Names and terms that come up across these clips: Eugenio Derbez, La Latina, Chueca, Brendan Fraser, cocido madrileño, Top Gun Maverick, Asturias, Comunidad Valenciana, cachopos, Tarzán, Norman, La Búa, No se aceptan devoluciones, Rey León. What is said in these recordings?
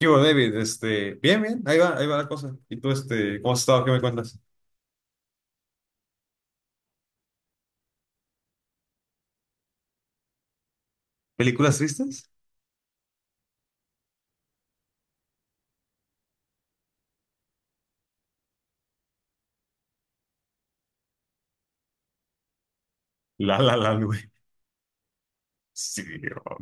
¿Qué hubo, David? Bien, bien, ahí va la cosa. ¿Y tú, cómo has estado? ¿Qué me cuentas? ¿Películas tristes? La La la, güey. Sí, bro.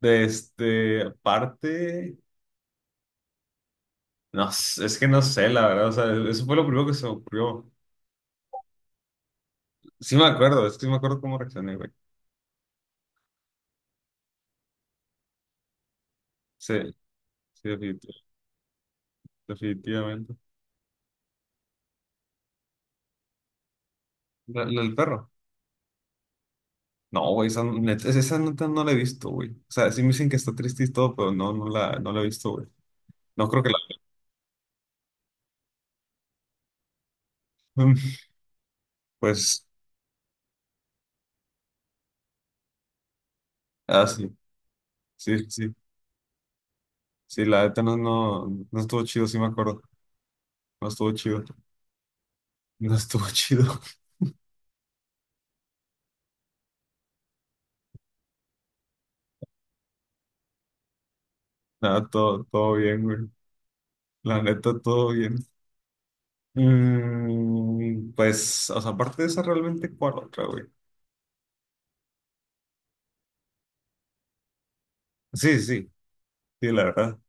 Aparte, es que no sé, la verdad, o sea, eso fue lo primero que se me ocurrió. Sí me acuerdo, es que sí me acuerdo cómo reaccioné, güey. Sí, sí, definitivamente. ¿La del perro? No, güey, esa neta no la he visto, güey. O sea, sí me dicen que está triste y todo, pero no, no la he visto, güey. No creo que la. Pues, ah, sí, sí, sí. Sí, la neta no estuvo chido, sí me acuerdo. No estuvo chido. No estuvo chido. Nada, todo bien, güey. La neta, todo bien. Pues, o sea, aparte de esa, realmente, ¿cuál otra, güey? Sí, sí, sí, la verdad.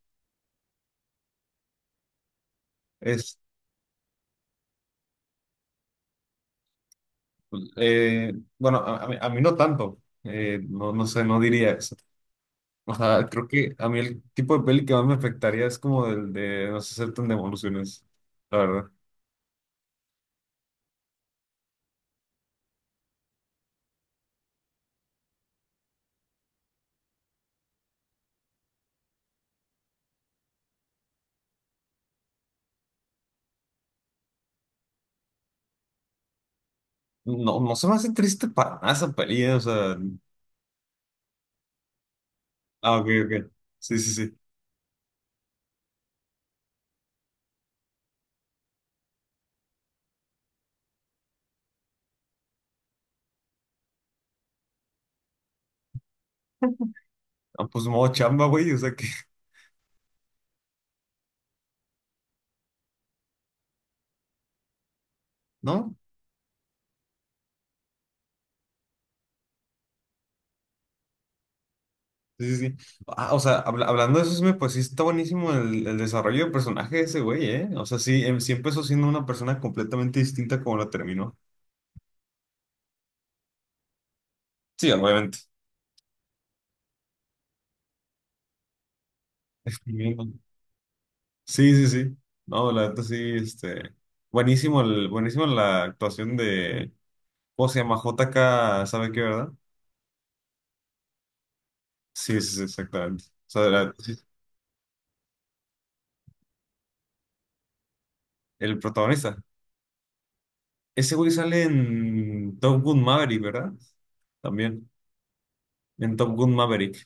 Es, eh, bueno, a mí no tanto. No sé, no diría eso. O sea, creo que a mí el tipo de peli que más me afectaría es como el de No se aceptan devoluciones, la verdad. No, no se me hace triste para nada esa peli, o sea. Ah, ok, ok. Sí, sí, sí. Ah, pues modo chamba, güey, o sea que, ¿no? Sí, sí, sí. Ah, o sea, hablando de eso, pues sí está buenísimo el desarrollo de personaje de ese güey, ¿eh? O sea, sí, sí empezó siendo una persona completamente distinta como la terminó. Sí, obviamente. Escribiendo. Sí, sí, sí. No, la neta sí. Buenísimo, buenísimo la actuación de. ¿Cómo se llama? JK, ¿sabe qué, verdad? Sí, sí, sí, exactamente. O sea, el protagonista. Ese güey sale en Top Gun Maverick, ¿verdad? También, en Top Gun Maverick.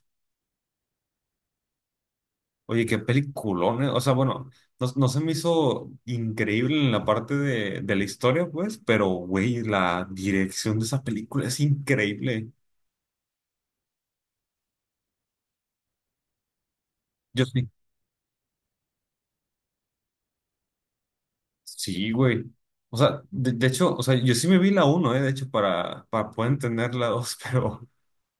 Oye, qué peliculón, ¿eh? O sea, bueno, no, no se me hizo increíble en la parte de la historia, pues, pero, güey, la dirección de esa película es increíble. Yo sí. Sí, güey. O sea, de hecho, o sea, yo sí me vi la uno, ¿eh? De hecho, para poder entender la dos, pero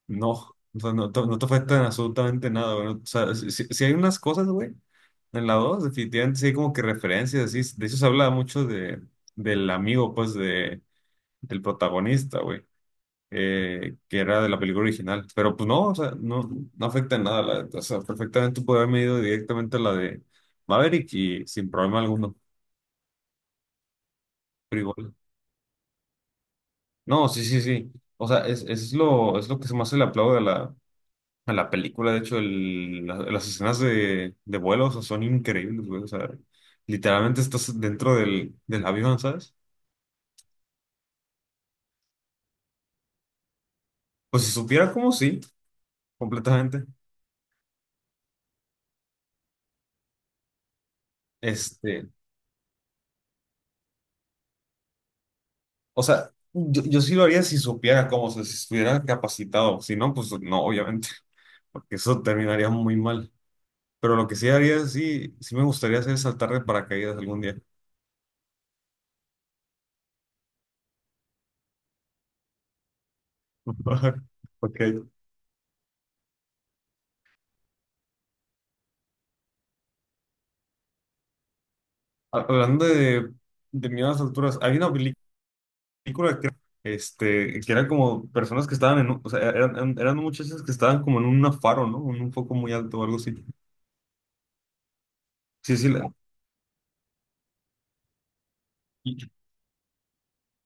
no, o sea, no, no te afectan absolutamente nada, güey. O sea, si hay unas cosas, güey, en la 2 definitivamente sí hay como que referencias, así. De eso se habla mucho del amigo, pues, del protagonista, güey, que era de la película original. Pero pues no, o sea, no afecta en nada. La neta. O sea, perfectamente puede haberme ido directamente a la de Maverick y sin problema alguno. Pero igual. No, sí, sí, sí. O sea, es lo que se me hace el aplauso a la película, de hecho, las escenas de vuelo, o sea, son increíbles, güey. O sea, literalmente estás dentro del avión, ¿sabes? Pues si supiera cómo, sí, completamente. Este, o sea, yo sí lo haría si supiera cómo, o sea, si estuviera capacitado. Si no, pues no, obviamente, porque eso terminaría muy mal. Pero lo que sí haría, sí me gustaría hacer es saltar de paracaídas algún día. Ok. Hablando de miedo a las alturas, hay una película que, eran como personas que estaban o sea, eran muchachas que estaban como en un faro, ¿no? En un foco muy alto o algo así. Sí, sí. Y-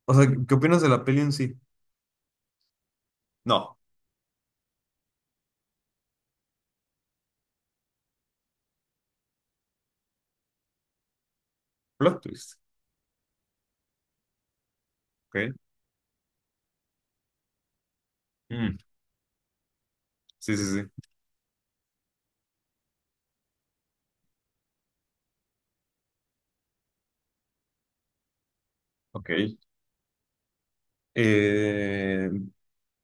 o sea, ¿qué opinas de la peli en sí? No, plot twist. Ok. Mm, sí, sí, sí. Ok. Eh,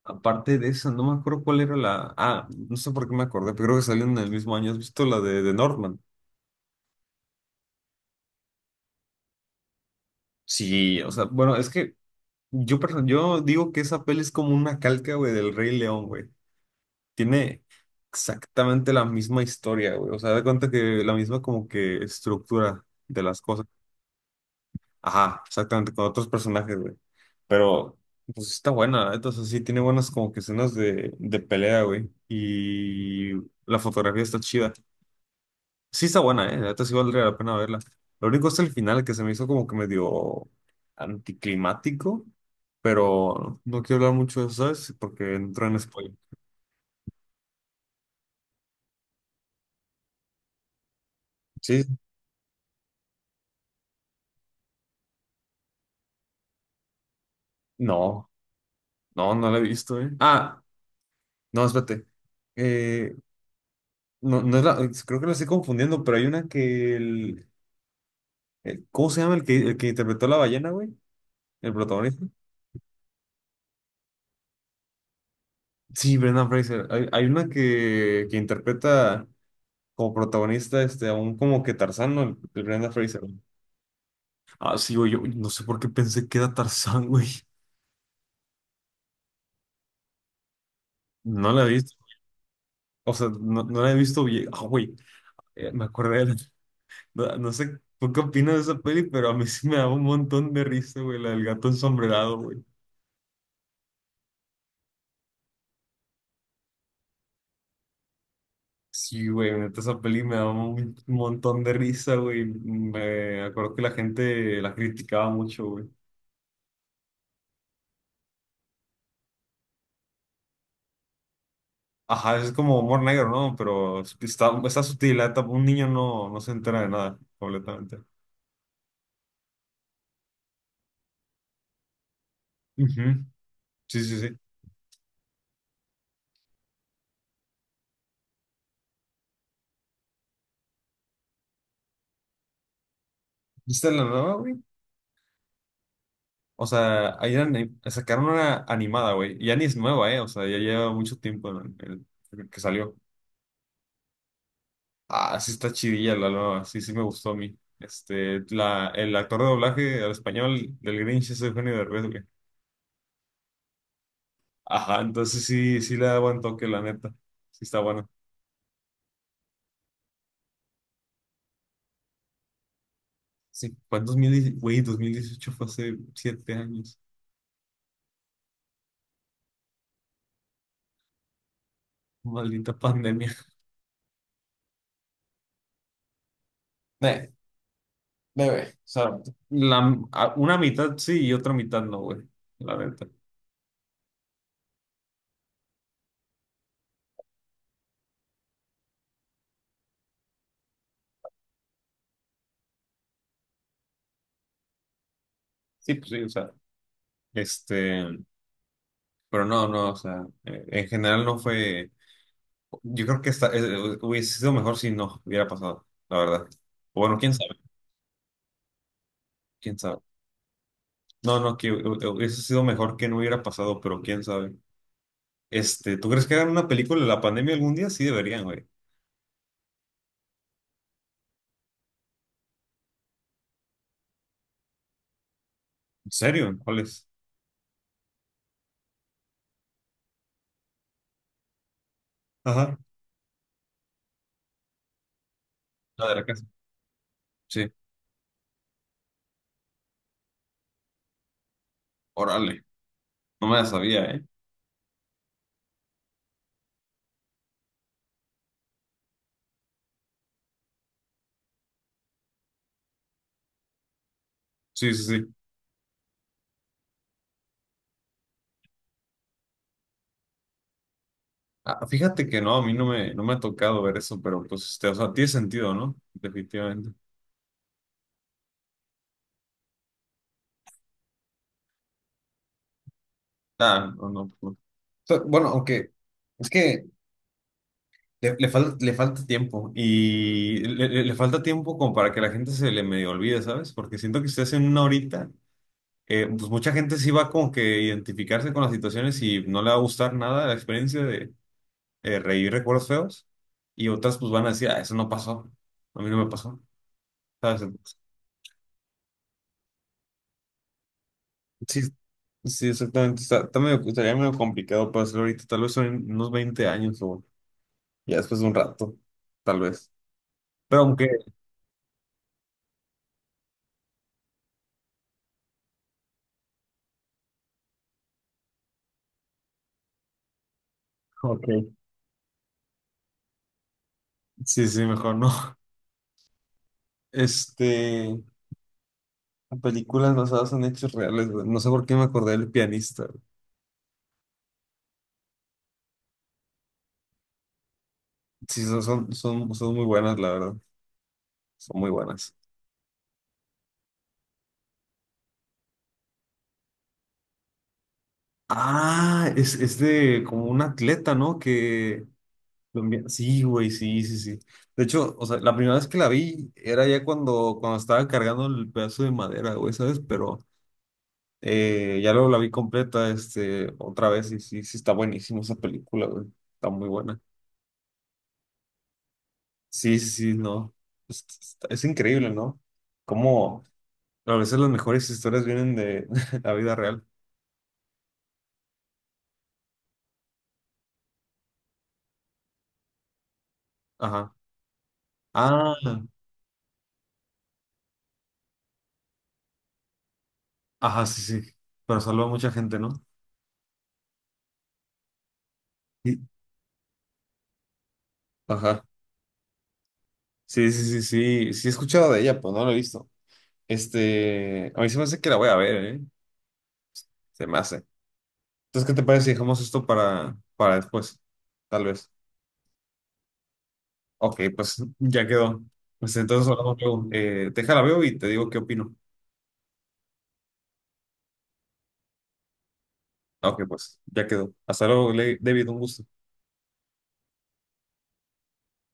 aparte de esa, no me acuerdo cuál era la. Ah, no sé por qué me acordé, pero creo que salió en el mismo año. ¿Has visto la de Norman? Sí, o sea, bueno, es que yo digo que esa peli es como una calca, güey, del Rey León, güey. Tiene exactamente la misma historia, güey. O sea, de cuenta que la misma como que estructura de las cosas. Ajá, exactamente, con otros personajes, güey. Pero, pues está buena, entonces sí, tiene buenas como que escenas de pelea, güey. Y la fotografía está chida. Sí está buena, eh. La neta sí valdría la pena verla. Lo único es el final que se me hizo como que medio anticlimático, pero no quiero hablar mucho de eso, ¿sabes? Porque entró en spoiler. Sí, no. No, no la he visto, ¿eh? Ah, no, espérate. Eh, no, no es la, creo que la estoy confundiendo, pero hay una que ¿cómo se llama el que, interpretó a la ballena, güey? El protagonista. Sí, Brendan Fraser. Hay una que interpreta como protagonista a un como que Tarzán, ¿no? El Brendan Fraser. Ah, sí, güey, yo no sé por qué pensé que era Tarzán, güey. No la he visto. O sea, no la he visto bien. Ah, güey, me acordé. No, no sé tú qué opinas de esa peli, pero a mí sí me daba un montón de risa, güey, la del gato ensombrerado, güey. Sí, güey, neta, esa peli me daba un montón de risa, güey. Me acuerdo que la gente la criticaba mucho, güey. Ajá, es como humor negro, ¿no? Pero está sutil, la neta, un niño no se entera de nada, completamente. Ujú, sí, sí, sí. ¿Viste la nueva, güey? O sea, ahí sacaron una animada, güey. Y ya ni es nueva, ¿eh? O sea, ya lleva mucho tiempo que salió. Ah, sí está chidilla la nueva, sí me gustó a mí. El actor de doblaje al español del Grinch es Eugenio Derbez, güey. Ajá, entonces sí le da buen toque, la neta. Sí está bueno. Sí, fue en 2010, güey, 2018 fue hace 7 años. Maldita pandemia. Eh, bebé, o sea, una mitad sí y otra mitad no, güey, la neta. Sí, pues sí, o sea, este, pero no, no, o sea, en general no fue. Yo creo que hubiese sido mejor si no hubiera pasado, la verdad. O bueno, quién sabe, quién sabe. No, no, que hubiese sido mejor que no hubiera pasado, pero quién sabe. ¿Tú crees que hagan una película de la pandemia algún día? Sí deberían, güey. ¿En serio? ¿Cuál es? Ajá. La de la casa. Sí. Órale. No me la sabía, ¿eh? Sí, sí, sí. Ah, fíjate que no, a mí no me ha tocado ver eso, pero pues, o sea, tiene sentido, ¿no? Definitivamente. Ah, no, no. No. Bueno, aunque, es que le falta tiempo y le falta tiempo como para que la gente se le medio olvide, ¿sabes? Porque siento que si hacen una horita, pues mucha gente sí va como que identificarse con las situaciones y no le va a gustar nada la experiencia de reír recuerdos feos y otras pues van a decir, ah, eso no pasó, a mí no me pasó, ¿sabes? Entonces, sí, sí, exactamente. Estaría medio complicado para hacerlo ahorita, tal vez en unos 20 años o ya después de un rato, tal vez. Pero aunque... Ok. Sí, sí, mejor no. Este, películas basadas en hechos reales, güey. No sé por qué me acordé del pianista. Güey. Sí, son muy buenas, la verdad. Son muy buenas. Ah, es de como un atleta, ¿no? Sí, güey, sí, sí, sí. De hecho, o sea, la primera vez que la vi era ya cuando estaba cargando el pedazo de madera, güey, ¿sabes? Pero ya luego la vi completa, otra vez, y sí está buenísima esa película, güey. Está muy buena. Sí, sí, sí, no. Es increíble, ¿no? Cómo a veces las mejores historias vienen de la vida real. Ajá. Ah, ajá, sí, sí. Pero salva a mucha gente, ¿no? Sí. Ajá. Sí, sí, sí, sí. Sí he escuchado de ella, pues no la he visto. A mí se me hace que la voy a ver, ¿eh? Se me hace. Entonces, ¿qué te parece si dejamos esto para después? Tal vez. Ok, pues ya quedó. Pues entonces hablamos luego. Déjala veo y te digo qué opino. Ok, pues ya quedó. Hasta luego, David, un gusto.